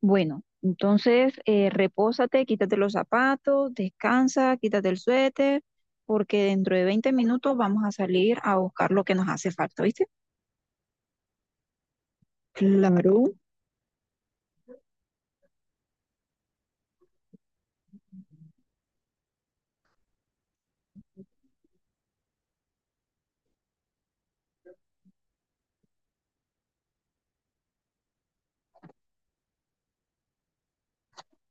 Bueno, entonces repósate, quítate los zapatos, descansa, quítate el suéter, porque dentro de 20 minutos vamos a salir a buscar lo que nos hace falta, ¿viste?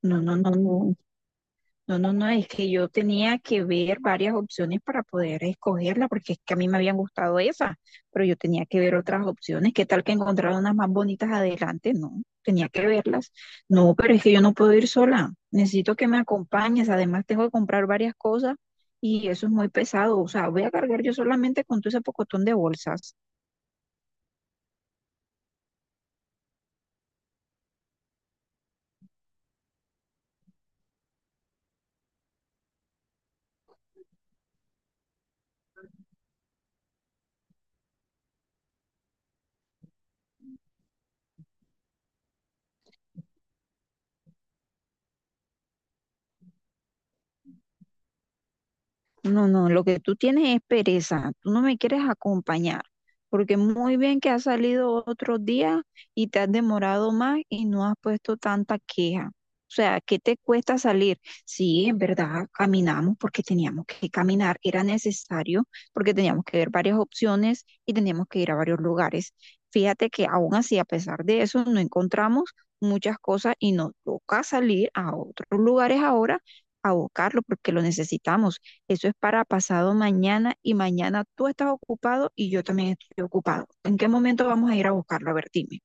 No, no, no, no, No, no, no, es que yo tenía que ver varias opciones para poder escogerla, porque es que a mí me habían gustado esas, pero yo tenía que ver otras opciones. ¿Qué tal que encontrara unas más bonitas adelante? No, tenía que verlas. No, pero es que yo no puedo ir sola. Necesito que me acompañes. Además, tengo que comprar varias cosas y eso es muy pesado. O sea, voy a cargar yo solamente con todo ese pocotón de bolsas. No, no, lo que tú tienes es pereza, tú no me quieres acompañar, porque muy bien que has salido otros días y te has demorado más y no has puesto tanta queja. O sea, ¿qué te cuesta salir? Sí, en verdad, caminamos porque teníamos que caminar, era necesario porque teníamos que ver varias opciones y teníamos que ir a varios lugares. Fíjate que aún así, a pesar de eso, no encontramos muchas cosas y nos toca salir a otros lugares ahora a buscarlo porque lo necesitamos. Eso es para pasado mañana y mañana tú estás ocupado y yo también estoy ocupado. ¿En qué momento vamos a ir a buscarlo? A ver, dime.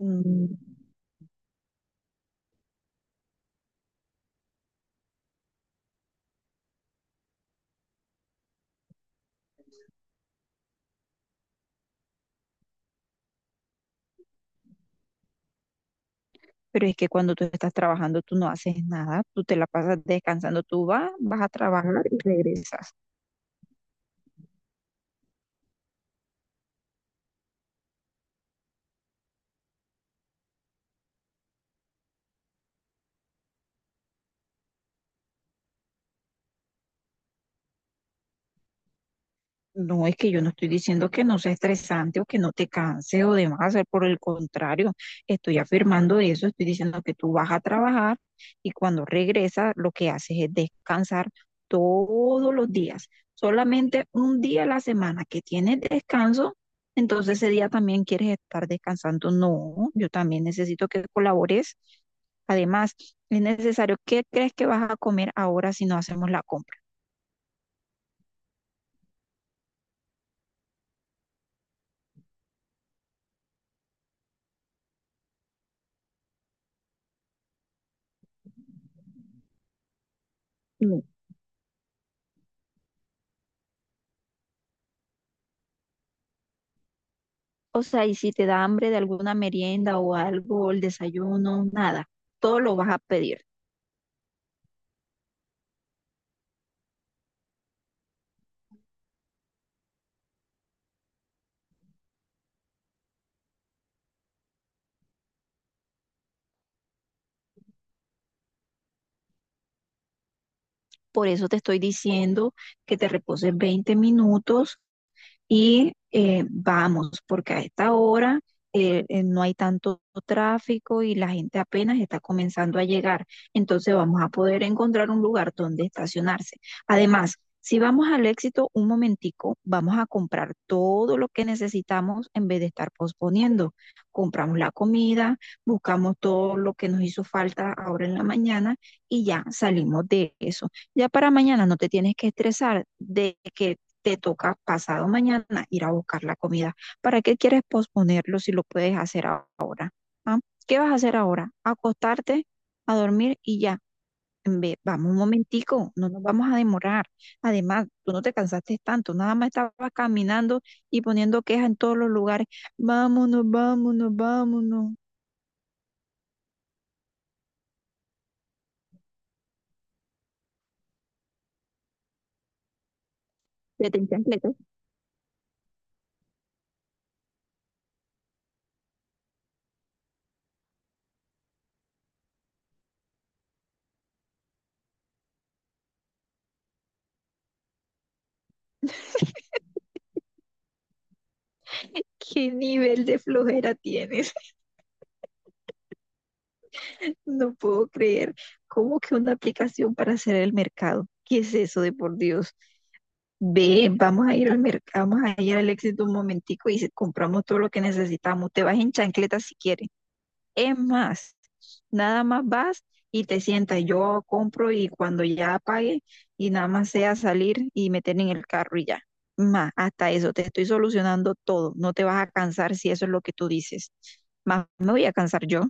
Mm, Pero es que cuando tú estás trabajando, tú no haces nada, tú te la pasas descansando, vas a trabajar y regresas. No, es que yo no estoy diciendo que no sea estresante o que no te canse o demás, por el contrario, estoy afirmando eso, estoy diciendo que tú vas a trabajar y cuando regresas lo que haces es descansar todos los días, solamente un día a la semana que tienes descanso, entonces ese día también quieres estar descansando. No, yo también necesito que colabores. Además, es necesario, ¿qué crees que vas a comer ahora si no hacemos la compra? O sea, y si te da hambre de alguna merienda o algo, el desayuno, nada, todo lo vas a pedir. Por eso te estoy diciendo que te reposes 20 minutos y vamos, porque a esta hora no hay tanto tráfico y la gente apenas está comenzando a llegar. Entonces vamos a poder encontrar un lugar donde estacionarse. Además, si vamos al éxito un momentico, vamos a comprar todo lo que necesitamos en vez de estar posponiendo. Compramos la comida, buscamos todo lo que nos hizo falta ahora en la mañana y ya salimos de eso. Ya para mañana no te tienes que estresar de que te toca pasado mañana ir a buscar la comida. ¿Para qué quieres posponerlo si lo puedes hacer ahora? ¿Ah? ¿Qué vas a hacer ahora? Acostarte, a dormir y ya. Ve, vamos un momentico, no nos vamos a demorar. Además, tú no te cansaste tanto, nada más estabas caminando y poniendo quejas en todos los lugares. Vámonos, vámonos, vámonos. Vete en chancletas. ¿Qué nivel de flojera tienes? No puedo creer. ¿Cómo que una aplicación para hacer el mercado? ¿Qué es eso de por Dios? Ve, vamos a ir al mercado, vamos a ir al éxito un momentico y compramos todo lo que necesitamos. Te vas en chancletas si quieres. Es más, nada más vas y te sientas. Yo compro y cuando ya pague y nada más sea salir y meter en el carro y ya. Más, hasta eso, te estoy solucionando todo. No te vas a cansar si eso es lo que tú dices. Más me voy a cansar yo.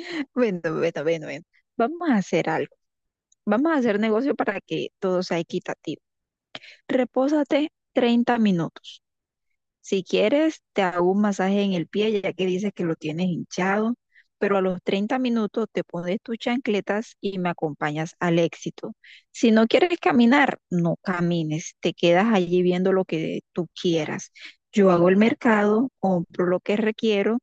Bueno, bueno, bueno, bueno. Vamos a hacer algo. Vamos a hacer negocio para que todo sea equitativo. Repósate 30 minutos. Si quieres, te hago un masaje en el pie, ya que dices que lo tienes hinchado, pero a los 30 minutos te pones tus chancletas y me acompañas al éxito. Si no quieres caminar, no camines, te quedas allí viendo lo que tú quieras. Yo hago el mercado, compro lo que requiero,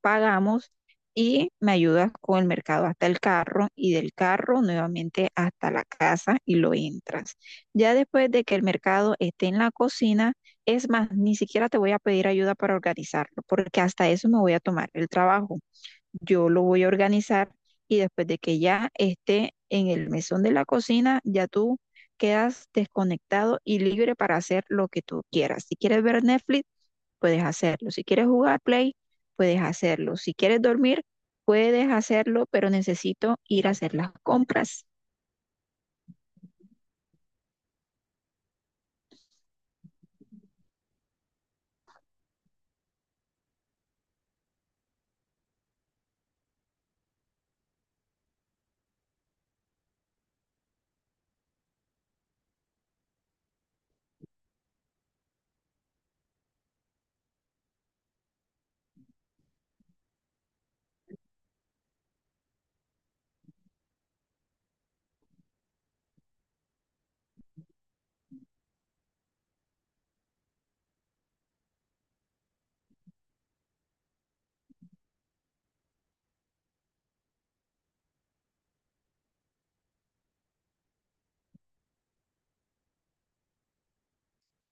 pagamos y me ayudas con el mercado hasta el carro y del carro nuevamente hasta la casa y lo entras. Ya después de que el mercado esté en la cocina, es más, ni siquiera te voy a pedir ayuda para organizarlo, porque hasta eso me voy a tomar el trabajo. Yo lo voy a organizar y después de que ya esté en el mesón de la cocina, ya tú quedas desconectado y libre para hacer lo que tú quieras. Si quieres ver Netflix, puedes hacerlo. Si quieres jugar Play, puedes hacerlo. Si quieres dormir, puedes hacerlo, pero necesito ir a hacer las compras.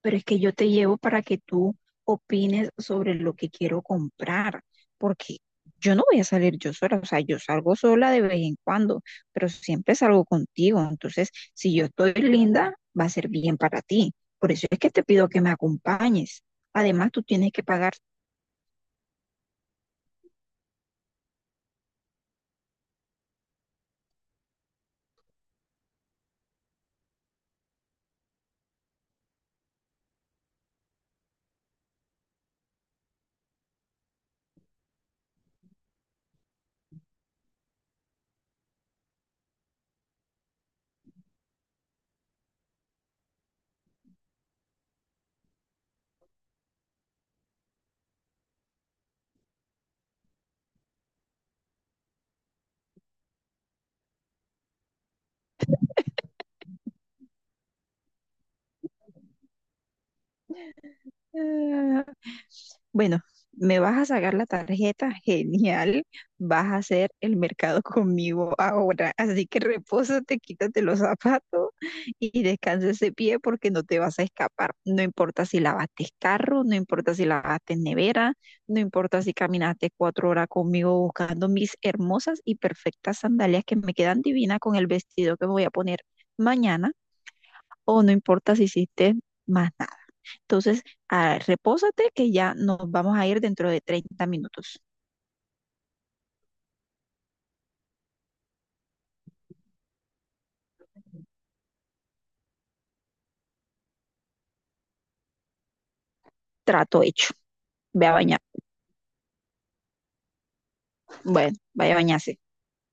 Pero es que yo te llevo para que tú opines sobre lo que quiero comprar, porque yo no voy a salir yo sola, o sea, yo salgo sola de vez en cuando, pero siempre salgo contigo. Entonces, si yo estoy linda, va a ser bien para ti. Por eso es que te pido que me acompañes. Además, tú tienes que pagar. eh, Bueno, me vas a sacar la tarjeta, genial. Vas a hacer el mercado conmigo ahora. Así que repósate, quítate los zapatos y descansa ese pie porque no te vas a escapar. No importa si lavaste carro, no importa si lavaste nevera, no importa si caminaste 4 horas conmigo buscando mis hermosas y perfectas sandalias que me quedan divinas con el vestido que me voy a poner mañana, o no importa si hiciste más nada. Entonces, repósate que ya nos vamos a ir dentro de 30 minutos. Trato hecho. Ve a bañar. Bueno, vaya a bañarse.